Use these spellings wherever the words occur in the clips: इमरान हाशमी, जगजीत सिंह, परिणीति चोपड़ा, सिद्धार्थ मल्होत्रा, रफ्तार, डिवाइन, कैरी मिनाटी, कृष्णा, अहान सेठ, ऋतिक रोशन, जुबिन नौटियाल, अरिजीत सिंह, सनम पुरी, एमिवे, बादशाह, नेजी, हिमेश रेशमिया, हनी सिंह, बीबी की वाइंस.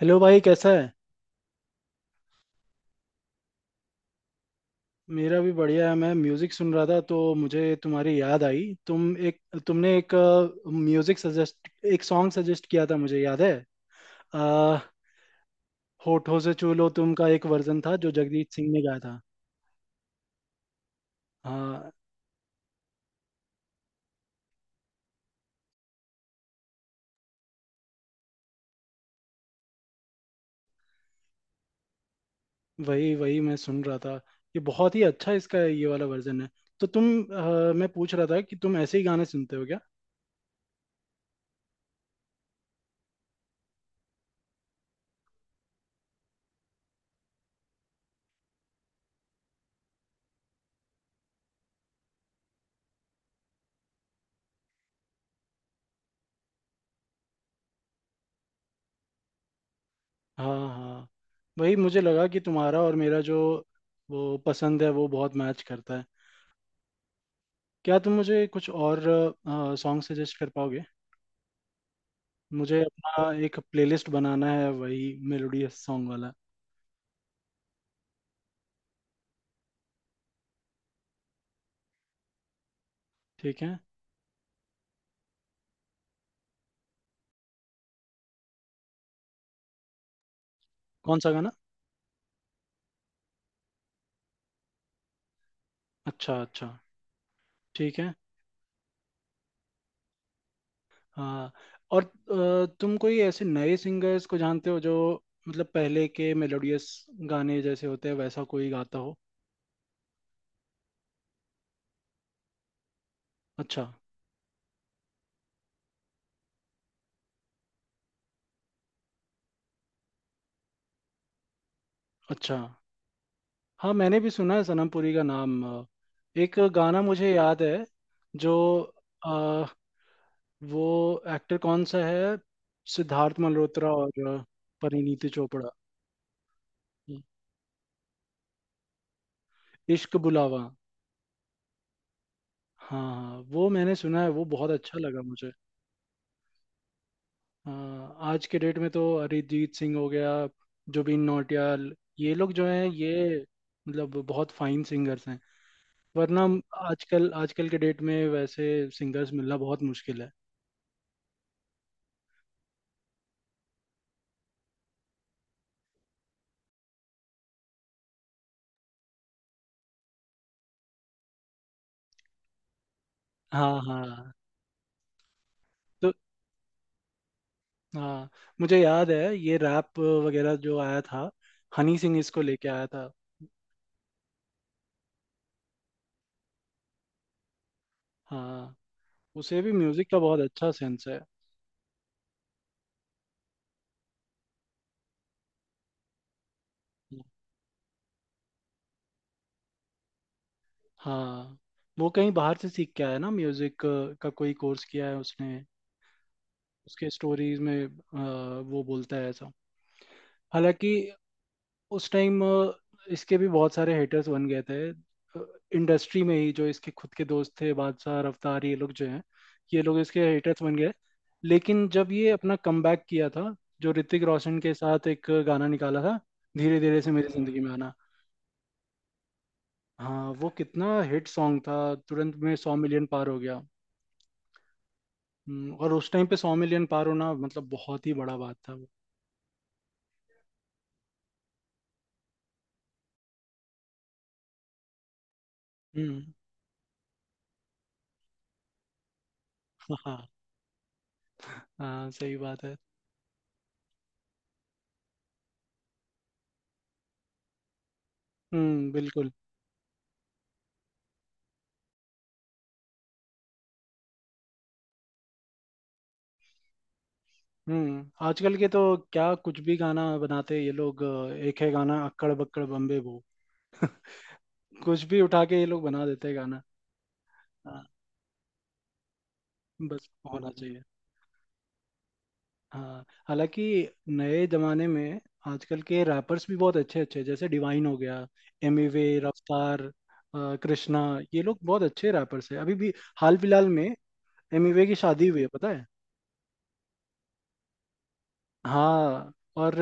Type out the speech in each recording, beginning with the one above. Hello भाई, कैसा है? मेरा भी बढ़िया है। मैं म्यूजिक सुन रहा था तो मुझे तुम्हारी याद आई। तुमने एक म्यूजिक सजेस्ट एक सॉन्ग सजेस्ट किया था मुझे याद है। आ, होठों से छू लो तुम का एक वर्जन था जो जगजीत सिंह ने गाया था। हाँ। वही वही मैं सुन रहा था। ये बहुत ही अच्छा इसका ये वाला वर्जन है। तो मैं पूछ रहा था कि तुम ऐसे ही गाने सुनते हो क्या? हाँ हाँ, वही मुझे लगा कि तुम्हारा और मेरा जो वो पसंद है वो बहुत मैच करता है। क्या तुम मुझे कुछ और सॉन्ग सजेस्ट कर पाओगे? मुझे अपना एक प्लेलिस्ट बनाना है, वही मेलोडियस सॉन्ग वाला। ठीक है। कौन सा गाना? अच्छा अच्छा। ठीक है। हाँ, और तुम कोई ऐसे नए सिंगर्स को जानते हो जो, मतलब पहले के मेलोडियस गाने जैसे होते हैं वैसा कोई गाता हो? अच्छा अच्छा। हाँ मैंने भी सुना है सनम पुरी का नाम। एक गाना मुझे याद है जो, अ, वो एक्टर कौन सा है, सिद्धार्थ मल्होत्रा और परिणीति चोपड़ा। इश्क बुलावा, हाँ हाँ, वो मैंने सुना है, वो बहुत अच्छा लगा मुझे। हाँ, आज के डेट में तो अरिजीत सिंह हो गया, जुबिन नौटियाल, ये लोग जो हैं, ये मतलब बहुत फाइन सिंगर्स हैं। वरना आजकल आजकल के डेट में वैसे सिंगर्स मिलना बहुत मुश्किल है। हाँ हाँ। तो, हाँ मुझे याद है ये रैप वगैरह जो आया था, हनी सिंह इसको लेके आया था। हाँ, उसे भी म्यूजिक का बहुत अच्छा सेंस है। हाँ, वो कहीं बाहर से सीख के आया ना, म्यूजिक का कोई कोर्स किया है उसने। उसके स्टोरीज में वो बोलता है ऐसा। हालांकि उस टाइम इसके भी बहुत सारे हेटर्स बन गए थे इंडस्ट्री में ही, जो इसके खुद के दोस्त थे, बादशाह, रफ्तार, ये लोग जो हैं, ये लोग इसके हेटर्स बन गए। लेकिन जब ये अपना कमबैक किया था, जो ऋतिक रोशन के साथ एक गाना निकाला था, धीरे धीरे से मेरी जिंदगी में आना। हाँ, वो कितना हिट सॉन्ग था, तुरंत में 100 मिलियन पार हो गया। और उस टाइम पे 100 मिलियन पार होना मतलब बहुत ही बड़ा बात था वो। हम्म। हाँ, हाँ सही बात है। बिल्कुल। हम्म, आजकल के तो क्या कुछ भी गाना बनाते हैं ये लोग। एक है गाना अक्कड़ बक्कड़ बम्बे बो, कुछ भी उठा के ये लोग बना देते हैं गाना। हाँ, बस होना चाहिए। हाँ हालांकि नए जमाने में आजकल के रैपर्स भी बहुत अच्छे अच्छे हैं, जैसे डिवाइन हो गया, एमिवे, रफ्तार, कृष्णा, ये लोग बहुत अच्छे रैपर्स हैं अभी भी, हाल फिलहाल में। एमिवे की शादी हुई है पता है? हाँ, और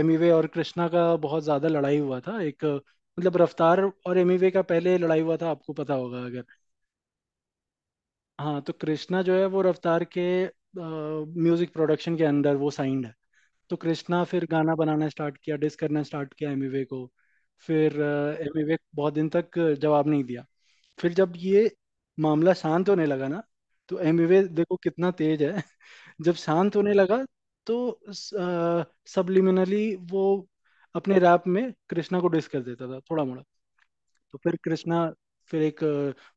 एमिवे और कृष्णा का बहुत ज्यादा लड़ाई हुआ था। मतलब रफ्तार और एमिवे का पहले लड़ाई हुआ था आपको पता होगा अगर। हाँ, तो कृष्णा जो है वो रफ्तार के म्यूजिक प्रोडक्शन के अंदर वो साइंड है। तो कृष्णा फिर गाना बनाना स्टार्ट किया, डिस करना स्टार्ट किया एमिवे को। फिर एमिवे बहुत दिन तक जवाब नहीं दिया। फिर जब ये मामला शांत होने लगा ना, तो एमिवे देखो कितना तेज है, जब शांत होने लगा तो सबलिमिनली वो अपने रैप में कृष्णा को डिस कर देता था, थोड़ा मोड़ा। तो फिर कृष्णा फिर एक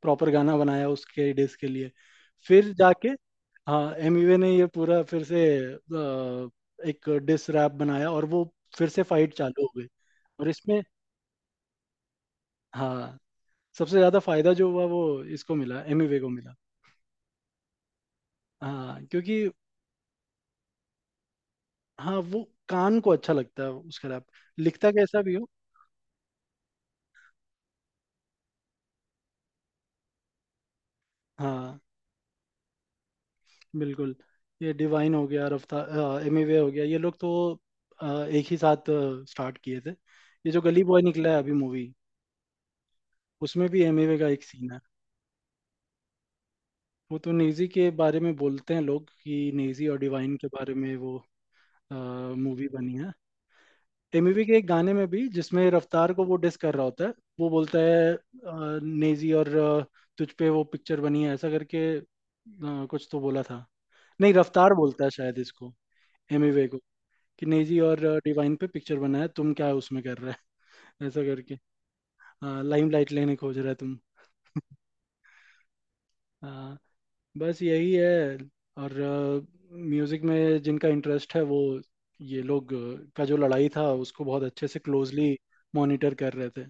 प्रॉपर गाना बनाया उसके डिस के लिए, फिर जाके। हाँ, एमवे ने ये पूरा फिर से अ, एक डिस रैप बनाया, और वो फिर से फाइट चालू हो गई। और इसमें, हाँ, सबसे ज्यादा फायदा जो हुआ वो इसको मिला, एमवे को मिला। हाँ क्योंकि, हाँ वो कान को अच्छा लगता है उसका रैप, लिखता कैसा भी हो। हाँ बिल्कुल। ये डिवाइन हो गया, रफ्तार, एमिवे हो गया, ये लोग तो एक ही साथ स्टार्ट किए थे। ये जो गली बॉय निकला है अभी मूवी, उसमें भी एमिवे का एक सीन है। वो तो नेजी के बारे में बोलते हैं लोग कि नेजी और डिवाइन के बारे में वो मूवी बनी है। एमिवे के एक गाने में भी, जिसमें रफ्तार को वो डिस कर रहा होता है, वो बोलता है नेजी और तुझ पे वो पिक्चर बनी है ऐसा करके, कुछ तो बोला था। नहीं, रफ्तार बोलता है शायद इसको एमिवे, कि नेजी और डिवाइन पे पिक्चर बना है तुम क्या उसमें कर रहे हैं? ऐसा करके। हाँ, लाइमलाइट लेने खोज रहे तुम। हाँ, बस यही है। और म्यूजिक में जिनका इंटरेस्ट है वो, ये लोग का जो लड़ाई था उसको बहुत अच्छे से क्लोजली मॉनिटर कर रहे थे।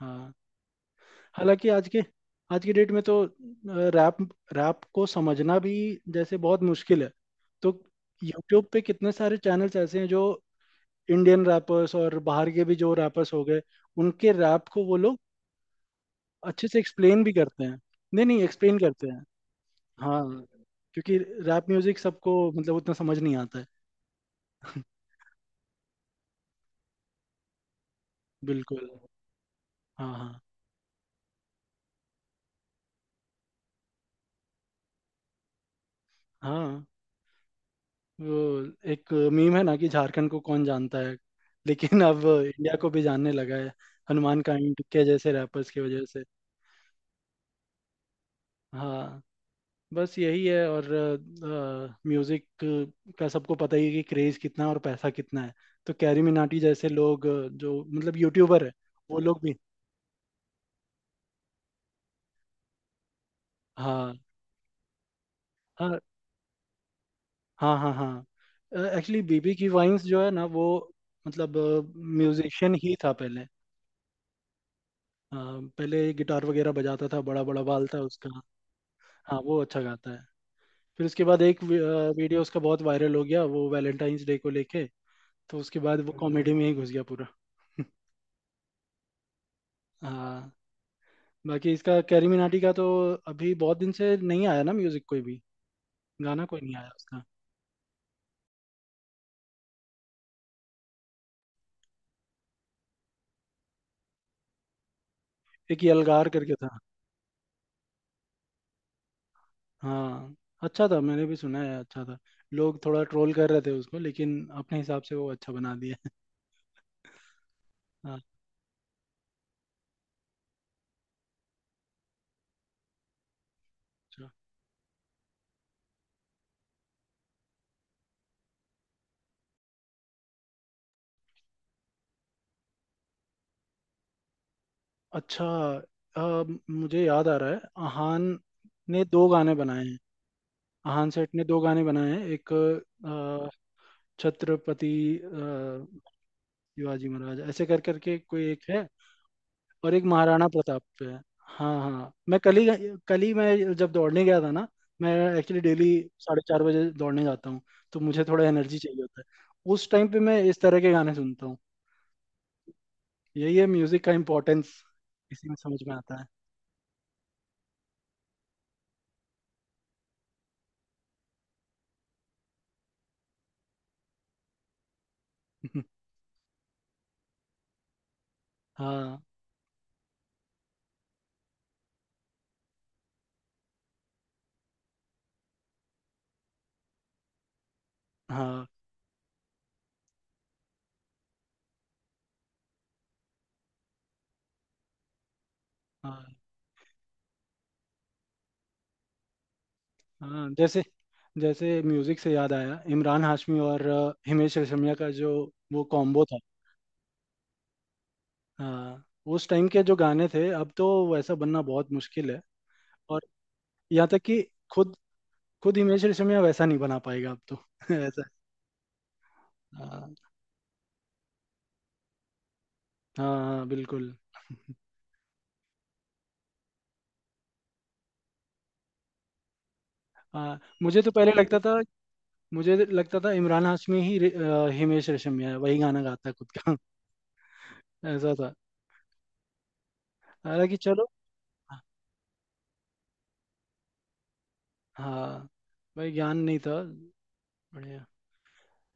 हाँ हालांकि आज की डेट में तो, रैप रैप को समझना भी जैसे बहुत मुश्किल है। तो यूट्यूब पे कितने सारे चैनल्स ऐसे हैं जो इंडियन रैपर्स और बाहर के भी जो रैपर्स हो गए उनके रैप को वो लोग अच्छे से एक्सप्लेन भी करते हैं। नहीं नहीं, एक्सप्लेन करते हैं। हाँ क्योंकि रैप म्यूजिक सबको मतलब उतना समझ नहीं आता है। बिल्कुल। हाँ हाँ हाँ। वो एक मीम है ना कि झारखंड को कौन जानता है, लेकिन अब इंडिया को भी जानने लगा है हनुमान काइंड के जैसे रैपर्स की वजह से। हाँ, बस यही है। और म्यूजिक का सबको पता ही है कि क्रेज कितना है और पैसा कितना है। तो कैरी मिनाटी जैसे लोग जो मतलब यूट्यूबर है, वो लोग भी। हाँ हाँ हाँ हाँ हाँ। एक्चुअली बीबी की वाइंस जो है ना वो, मतलब म्यूजिशियन ही था पहले। अ, पहले गिटार वगैरह बजाता था, बड़ा बड़ा बाल था उसका। हाँ वो अच्छा गाता है। फिर उसके बाद एक वीडियो उसका बहुत वायरल हो गया, वो वैलेंटाइंस डे को लेके। तो उसके बाद वो कॉमेडी में ही घुस गया पूरा। हाँ। बाकी इसका, कैरी मिनाटी का तो अभी बहुत दिन से नहीं आया ना म्यूजिक कोई भी, गाना कोई नहीं आया उसका। एक ये अलगार करके था। हाँ अच्छा था, मैंने भी सुना है अच्छा था। लोग थोड़ा ट्रोल कर रहे थे उसको, लेकिन अपने हिसाब से वो अच्छा बना दिया। है। अच्छा अच्छा। अ, मुझे याद आ रहा है। अहान ने दो गाने बनाए हैं। अहान सेठ ने दो गाने बनाए हैं। एक अ, छत्रपति अ, शिवाजी महाराज ऐसे कर करके कोई एक है, और एक महाराणा प्रताप पे है। हाँ हाँ मैं कल ही, कल ही मैं जब दौड़ने गया था ना, मैं एक्चुअली डेली 4:30 बजे दौड़ने जाता हूँ, तो मुझे थोड़ा एनर्जी चाहिए होता है। उस टाइम पे मैं इस तरह के गाने सुनता हूँ। यही है म्यूजिक का इम्पोर्टेंस, इसी में समझ में आता है। हाँ। हाँ हाँ हाँ जैसे, जैसे म्यूजिक से याद आया, इमरान हाशमी और हिमेश रेशमिया का जो वो कॉम्बो था। हाँ, उस टाइम के जो गाने थे, अब तो वैसा बनना बहुत मुश्किल है। और यहाँ तक कि खुद खुद हिमेश रेशमिया वैसा नहीं बना पाएगा अब तो। ऐसा। हाँ हाँ हाँ, बिल्कुल। हाँ मुझे तो पहले लगता था, मुझे लगता था इमरान हाशमी ही हिमेश रेशमिया है, वही गाना गाता है खुद का। ऐसा था। हालांकि चलो। हाँ भाई ज्ञान नहीं था। बढ़िया।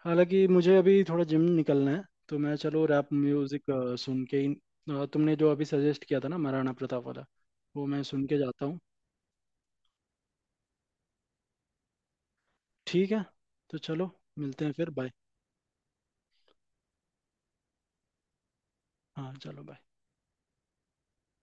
हालांकि मुझे अभी थोड़ा जिम निकलना है, तो मैं चलो रैप म्यूजिक सुन के ही, तुमने जो अभी सजेस्ट किया था ना, महाराणा प्रताप वाला, वो मैं सुन के जाता हूँ। ठीक है, तो चलो मिलते हैं फिर, बाय। हाँ चलो, बाय।